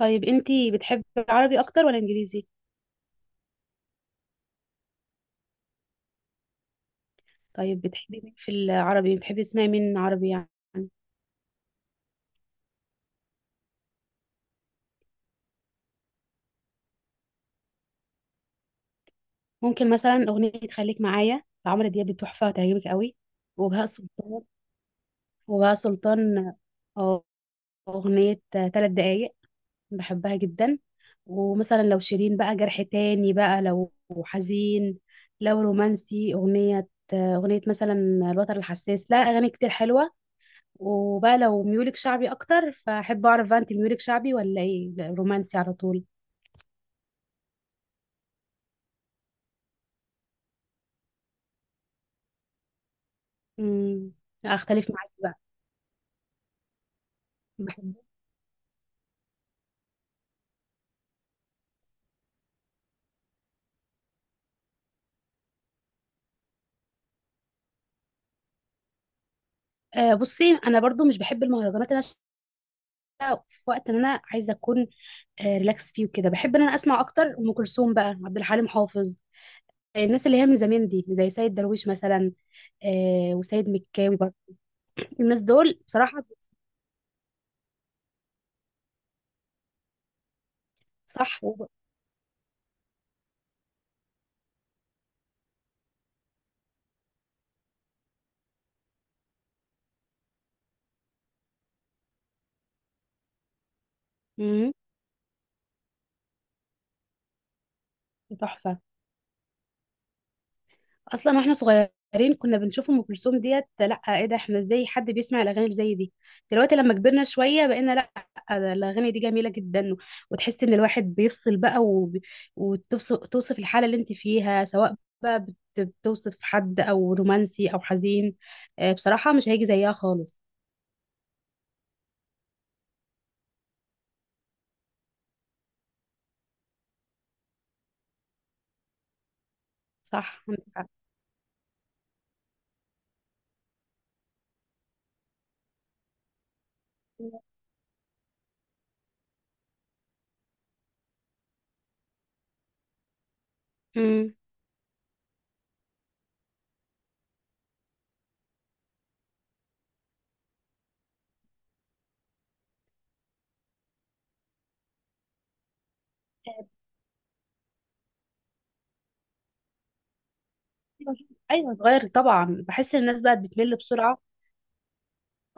طيب، انتي بتحبي عربي اكتر ولا انجليزي؟ طيب، بتحبي تسمعي مين عربي يعني؟ ممكن مثلا اغنية خليك معايا لعمرو دياب، دي تحفة هتعجبك قوي. وبهاء سلطان وبهاء سلطان. اه، اغنية 3 دقايق بحبها جدا. ومثلا لو شيرين بقى جرح تاني، بقى لو حزين، لو رومانسي اغنية مثلا الوتر الحساس، لا اغاني كتير حلوة. وبقى لو ميولك شعبي اكتر فاحب اعرف بقى، انت ميولك شعبي ولا ايه؟ لا، رومانسي على طول. امم اختلف معاكي بقى. بحب. بصي، انا برضو مش بحب المهرجانات، انا شايفة في وقت ان انا عايزه اكون ريلاكس فيه وكده، بحب ان انا اسمع اكتر ام كلثوم بقى، عبد الحليم حافظ. الناس اللي هي من زمان دي زي سيد درويش مثلا، وسيد مكاوي برضه، الناس دول بصراحه. صح. مم، تحفه. اصلا واحنا صغيرين كنا بنشوف ام كلثوم، ديت لا ايه ده؟ احنا ازاي حد بيسمع الاغاني اللي زي دي؟ دلوقتي لما كبرنا شويه بقينا لا، ده الاغاني دي جميله جدا. وتحس ان الواحد بيفصل بقى وتوصف الحاله اللي انت فيها، سواء بقى بتوصف حد، او رومانسي، او حزين. بصراحه مش هيجي زيها خالص. صح عندك حق. امم ايوه اتغير طبعا، بحس ان الناس بقت بتمل بسرعه.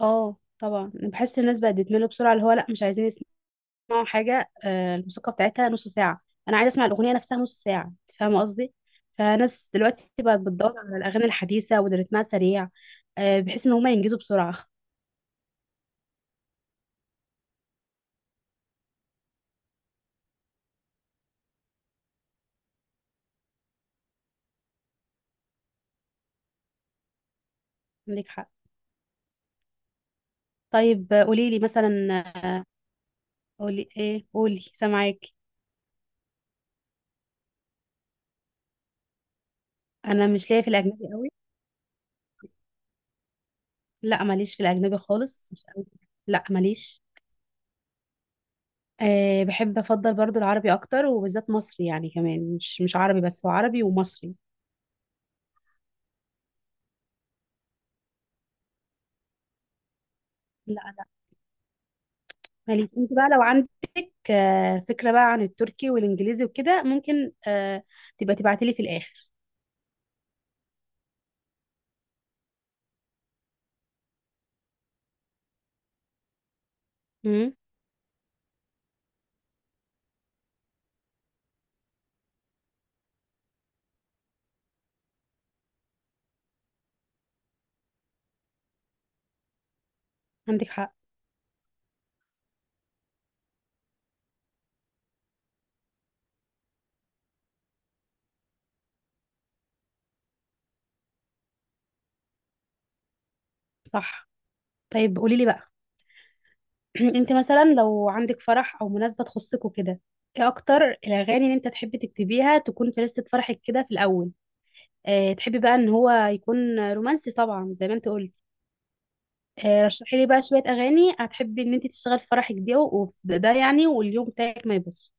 اه طبعا بحس الناس بقت بتمل بسرعه، اللي هو لا مش عايزين بسمعوا حاجة. الموسيقى بتاعتها نص ساعة، أنا عايزة أسمع الأغنية نفسها نص ساعة، أنت فاهمة قصدي؟ فناس دلوقتي بقت بتدور على الأغاني الحديثة واللي رتمها سريع، بحيث إن هما ينجزوا بسرعة. عندك حق. طيب قولي لي مثلا. آه، قولي إيه؟ قولي، سامعاك. أنا مش ليا في الأجنبي قوي. لا ماليش في الأجنبي خالص، مش قوي. لا ماليش. أه بحب أفضل برضو العربي أكتر وبالذات مصري، يعني كمان مش عربي بس، هو عربي ومصري. لا. خليج انت بقى لو عندك فكرة بقى عن التركي والانجليزي وكده، ممكن تبقى تبعتي لي في الاخر. امم عندك حق. صح. طيب قولي لي بقى. انت مثلا لو عندك فرح او مناسبة تخصك وكده، ايه اكتر الاغاني اللي انت تحبي تكتبيها تكون في لستة فرحك كده في الاول؟ اه، تحبي بقى ان هو يكون رومانسي طبعا زي ما انت قلتي. اه رشحي لي بقى شوية اغاني هتحبي ان انت تشتغل في فرحك دي، وده يعني واليوم بتاعك ما يبصش.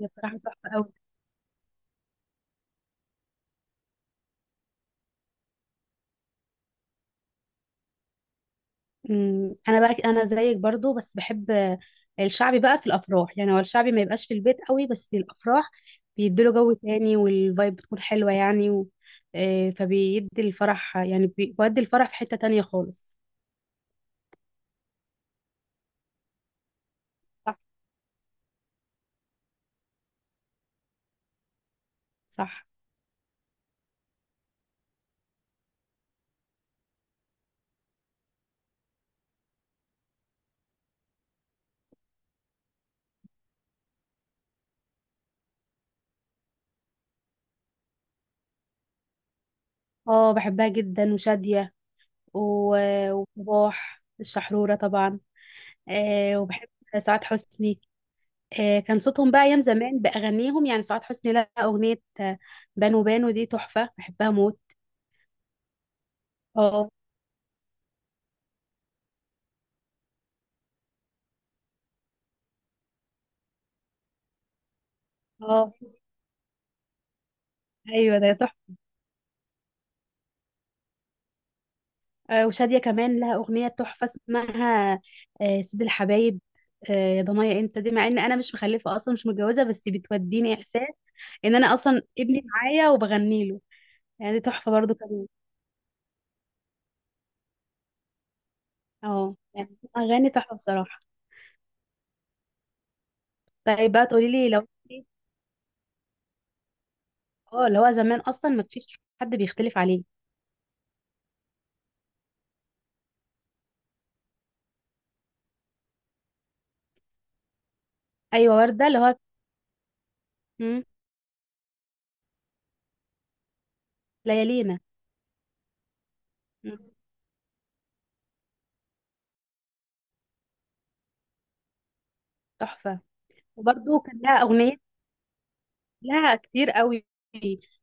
هي بصراحة تحفة قوي. انا بقى، انا زيك برضو، بس بحب الشعبي بقى في الافراح، يعني هو الشعبي ما يبقاش في البيت قوي بس الافراح بيديله جو تاني والفايب بتكون حلوه يعني. فبيدي الفرح، يعني بيودي الفرح في حته تانية خالص. صح. صح. اه بحبها جدا، وشاديه و- وصباح الشحروره طبعا. وبحب سعاد حسني. كان صوتهم بقى ايام زمان باغانيهم، يعني سعاد حسني لها اغنيه، بانو بانو دي تحفه بحبها موت. اه. اه. ايوه ده تحفه. وشاديه كمان لها اغنيه تحفه اسمها سيد الحبايب، يا ضنايا انت، دي مع ان انا مش مخلفه اصلا، مش متجوزه، بس بتوديني احساس ان انا اصلا ابني معايا وبغني له. يعني دي تحفه برضو كمان. اه يعني اغاني تحفه بصراحه. طيب بقى تقولي لي، لو اه اللي هو زمان اصلا ما فيش حد بيختلف عليه. ايوه ورده اللي هو مم، ليالينا. مم، تحفه. وبرضو كان لها اغنيه. لا كتير قوي.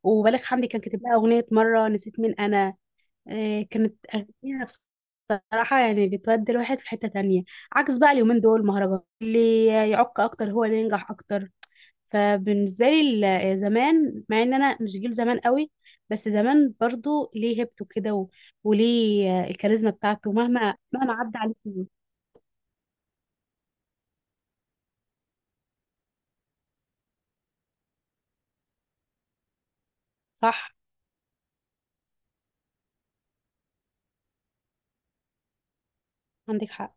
وبالغ حمدي كان كاتب لها اغنيه، مره نسيت مين انا، كانت اغنيه بصراحه يعني بتودي الواحد في حته تانية. عكس بقى اليومين دول مهرجان اللي يعق اكتر هو اللي ينجح اكتر، فبالنسبه لي زمان، مع ان انا مش جيل زمان قوي، بس زمان برضو ليه هيبته كده و- وليه الكاريزما بتاعته، مهما عدى عليه سنين. صح عندك حق.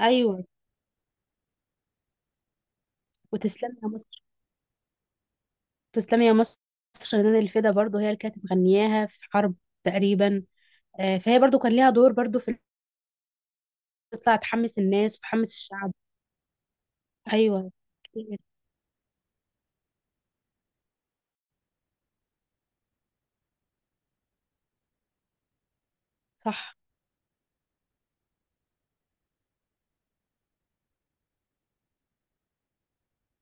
ايوه، وتسلم يا مصر، تسلمي يا مصر، رنان الفدا برضو هي اللي كانت مغنياها في حرب تقريبا، فهي برضو كان ليها دور برضو في إن تطلع تحمس الناس وتحمس الشعب. ايوه كتير. صح.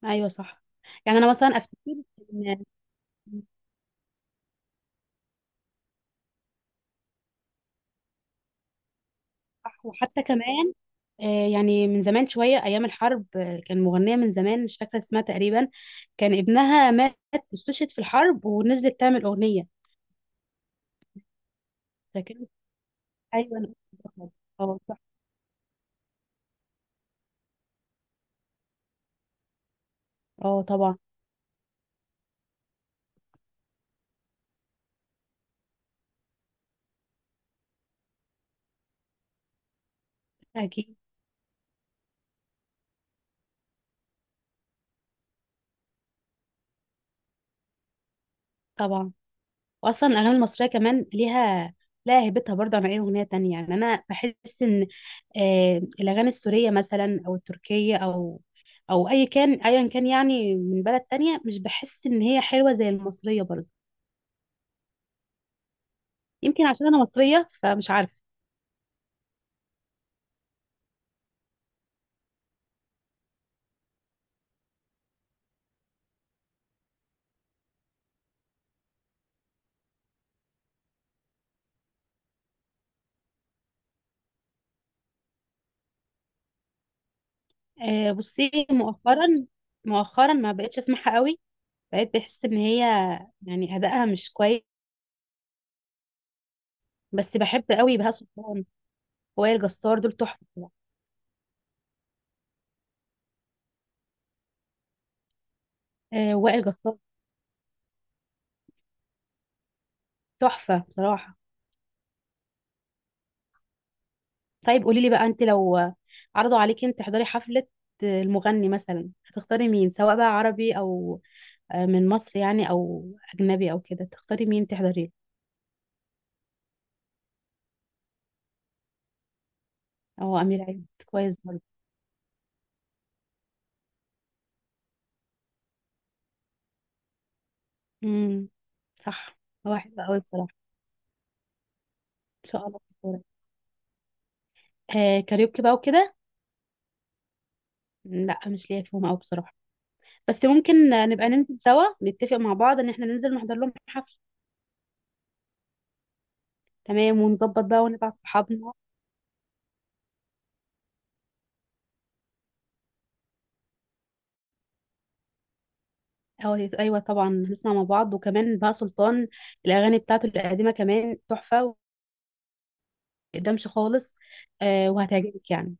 ايوه صح، يعني انا مثلا افتكر ان صح، وحتى كمان يعني من زمان شويه، ايام الحرب كان مغنيه من زمان مش فاكره اسمها تقريبا، كان ابنها مات، استشهد في الحرب، ونزلت تعمل اغنيه فكانت، ايوه أفتكرها. اه صح. اه طبعا. اكيد. طبعا واصلا الاغاني المصريه كمان لها هيبتها برضه عن اي اغنيه تانية، يعني انا بحس ان الاغاني السوريه مثلا، او التركيه، او اي كان ايا كان يعني من بلد تانية، مش بحس ان هي حلوه زي المصريه برضه. يمكن عشان انا مصريه فمش عارفه. بصي، مؤخرا ما بقتش اسمعها قوي، بقيت بحس ان هي يعني ادائها مش كويس. بس بحب قوي بهاء سلطان، وائل جسار دول تحفه. وائل جسار تحفه بصراحه. طيب قولي لي بقى، انت لو عرضوا عليكي انت تحضري حفلة، المغني مثلا هتختاري مين؟ سواء بقى عربي او من مصر يعني، او اجنبي او كده، تختاري مين تحضري؟ له، او امير عيد كويس برضه. امم صح، هو حلو قوي بصراحة. ان شاء الله تختاري. كاريوكي بقى وكده، لا مش ليا فيهم قوي بصراحة، بس ممكن نبقى ننزل سوا، نتفق مع بعض ان احنا ننزل نحضر لهم حفلة. تمام، ونظبط بقى ونبعت صحابنا. اه ايوه طبعا هنسمع مع بعض، وكمان بقى سلطان الاغاني بتاعته القديمه كمان تحفه، ومقدمش خالص، وهتعجبك يعني.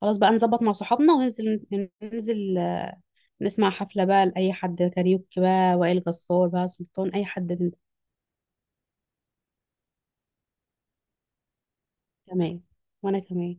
خلاص بقى، نظبط مع صحابنا وننزل، ننزل نسمع حفله بقى لاي حد، كاريوكي، بقى وائل جسار، بقى سلطان، اي حد تمام، وانا كمان